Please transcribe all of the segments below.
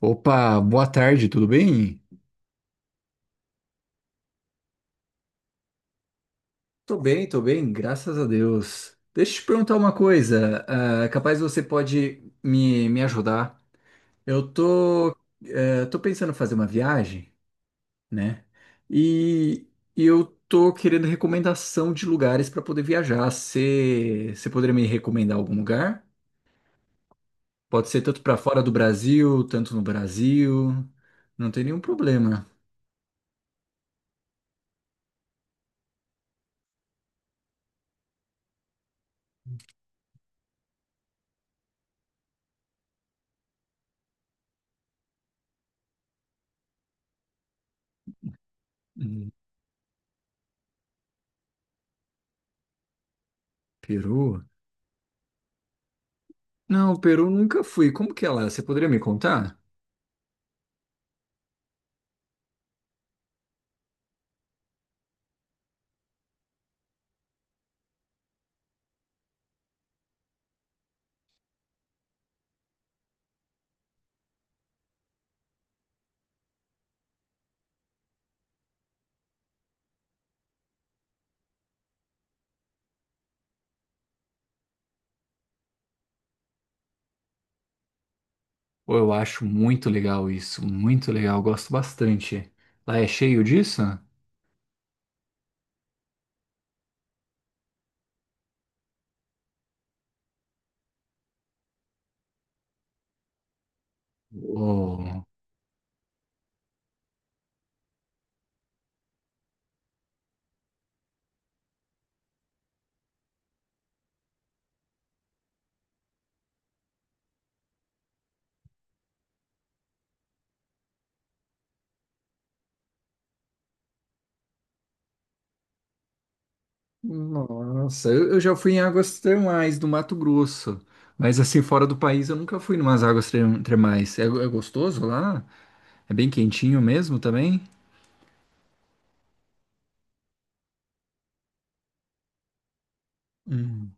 Opa, boa tarde, tudo bem? Tô bem, tô bem, graças a Deus. Deixa eu te perguntar uma coisa, é capaz você pode me ajudar. Eu tô, Tô pensando em fazer uma viagem, né? E, e eu tô querendo recomendação de lugares para poder viajar. Você poderia me recomendar algum lugar? Pode ser tanto para fora do Brasil, tanto no Brasil. Não tem nenhum problema. Hum, Peru? Não, o Peru nunca fui. Como que ela é? Você poderia me contar? Pô, eu acho muito legal isso, muito legal, gosto bastante. Lá é cheio disso? Oh. Nossa, eu já fui em águas termais do Mato Grosso, mas assim, fora do país eu nunca fui em umas termais. É, é gostoso lá? É bem quentinho mesmo também? Hum.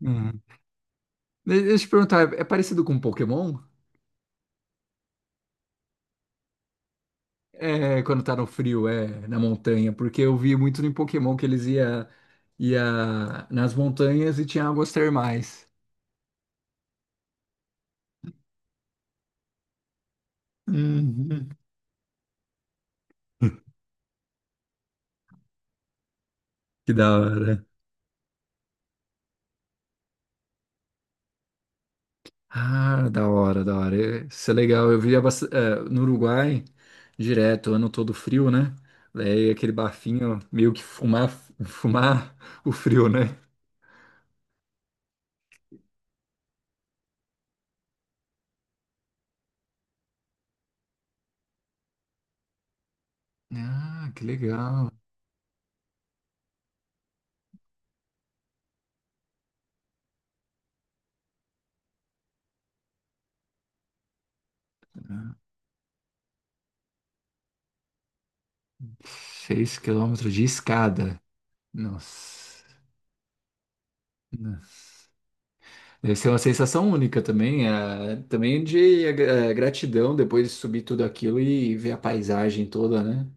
Hum. Deixa eu te perguntar, é parecido com Pokémon? É, quando tá no frio, é, na montanha, porque eu vi muito no Pokémon que eles ia nas montanhas e tinha águas termais. Uhum. Que da hora. Ah, da hora, da hora. É, isso é legal. Eu é, no Uruguai, direto, ano todo frio, né? Daí aquele bafinho, meio que fumar o frio, né? Ah, que legal. 6 km de escada. Nossa. Nossa. Deve ser uma sensação única também, é, também de é, gratidão depois de subir tudo aquilo e ver a paisagem toda, né?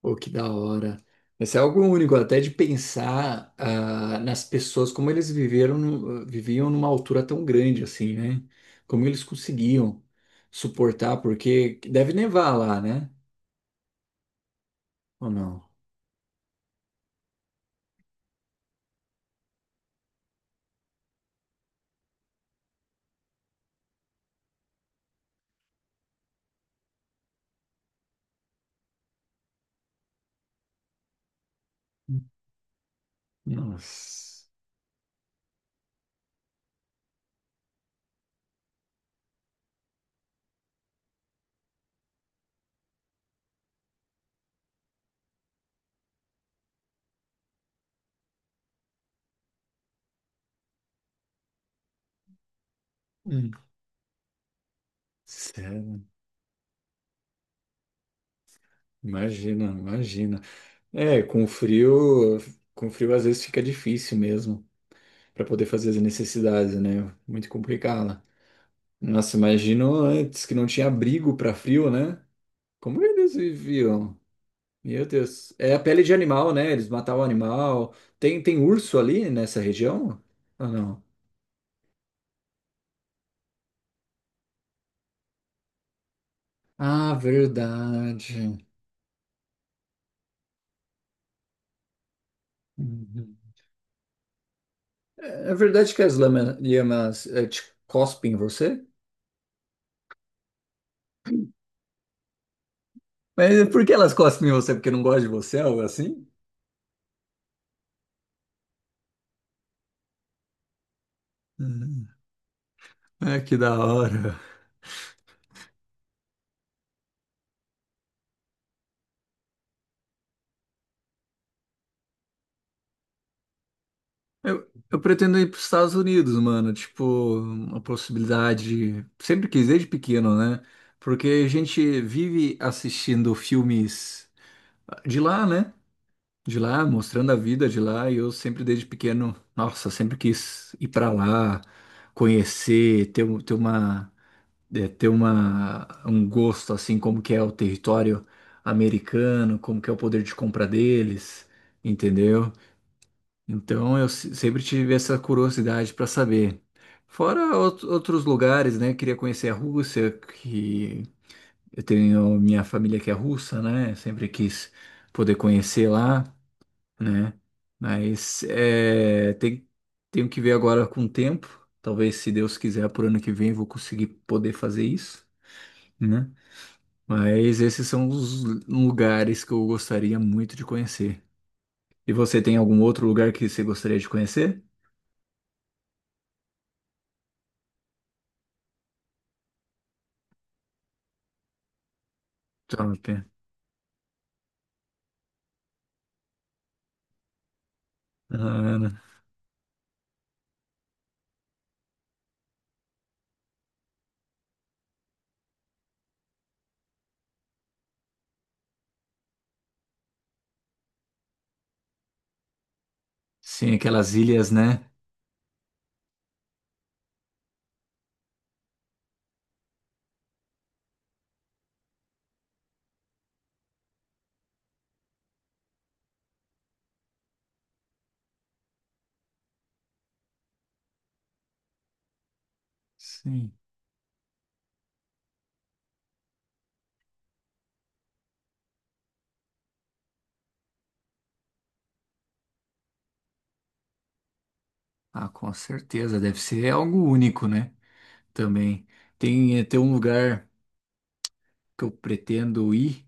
Pô, que da hora. Mas é algo único, até de pensar ah, nas pessoas, como eles viveram, viviam numa altura tão grande assim, né? Como eles conseguiam suportar, porque deve nevar lá, né? Ou não? Nossa. Hum. Sério. Imagina, imagina. É, com frio às vezes fica difícil mesmo para poder fazer as necessidades, né? Muito complicado. Nossa, imagino antes que não tinha abrigo para frio, né? Como eles viviam? Meu Deus. É a pele de animal, né? Eles matavam animal. Tem urso ali nessa região? Ou não? Ah, verdade. Uhum. É, é verdade que as lhamas, te cospem em você? Mas por que elas cospem em você? Porque não gostam de você, algo assim? É, que da hora. Eu pretendo ir para os Estados Unidos, mano. Tipo, uma possibilidade. Sempre quis, desde pequeno, né? Porque a gente vive assistindo filmes de lá, né? De lá, mostrando a vida de lá. E eu sempre, desde pequeno, nossa, sempre quis ir para lá, conhecer, ter, um- ter uma, é, ter uma, um gosto, assim, como que é o território americano, como que é o poder de compra deles, entendeu? Então eu sempre tive essa curiosidade para saber. Fora outros lugares, né? Queria conhecer a Rússia, que eu tenho minha família que é russa, né? Sempre quis poder conhecer lá, né? Mas é, tem, Tenho que ver agora com o tempo. Talvez, se Deus quiser, por ano que vem eu vou conseguir poder fazer isso, né? Mas esses são os lugares que eu gostaria muito de conhecer. E você tem algum outro lugar que você gostaria de conhecer? Top. Ah, sim, aquelas ilhas, né? Sim. Ah, com certeza, deve ser algo único, né? Também. Tem, tem um lugar que eu pretendo ir,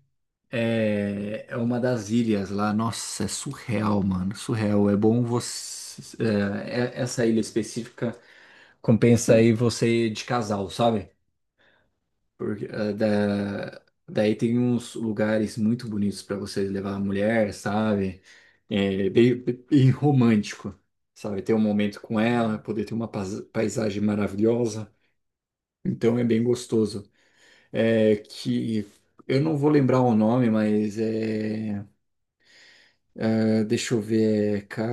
é, é uma das ilhas lá. Nossa, é surreal, mano, surreal. É bom você. Essa ilha específica compensa aí você ir de casal, sabe? Porque, daí tem uns lugares muito bonitos para você levar a mulher, sabe? É, bem, bem romântico, sabe? Ter um momento com ela, poder ter uma paisagem maravilhosa. Então é bem gostoso. É que eu não vou lembrar o nome, mas é, é, deixa eu ver, é Ca,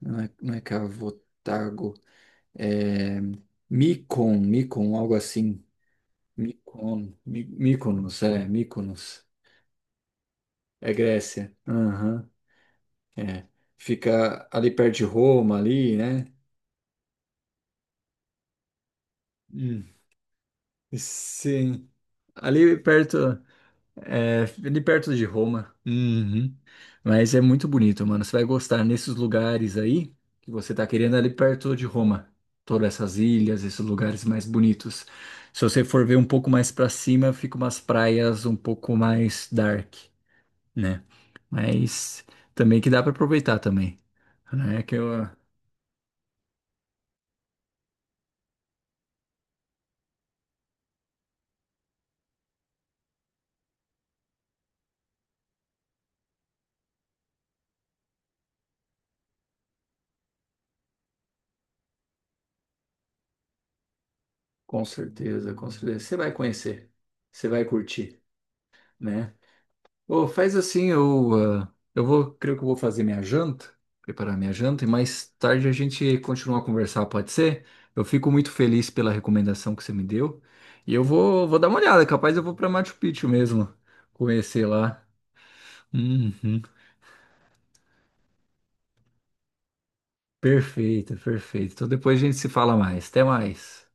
não é, não é Cavotago, é Micon, algo assim. Mykonos. É Grécia. Aham. É. Fica ali perto de Roma, ali, né? Hum. Sim. Ali perto, é, ali perto de Roma. Uhum. Mas é muito bonito, mano. Você vai gostar nesses lugares aí que você tá querendo ali perto de Roma. Todas essas ilhas, esses lugares mais bonitos. Se você for ver um pouco mais pra cima, fica umas praias um pouco mais dark, né? Mas também que dá pra aproveitar também, né? Que eu com certeza, com certeza. Você vai conhecer, você vai curtir, né? Ô, faz assim, eu vou, creio que eu vou fazer minha janta, preparar minha janta, e mais tarde a gente continua a conversar, pode ser? Eu fico muito feliz pela recomendação que você me deu, e vou dar uma olhada, capaz eu vou para Machu Picchu mesmo, conhecer lá. Uhum. Perfeito, perfeito. Então depois a gente se fala mais. Até mais.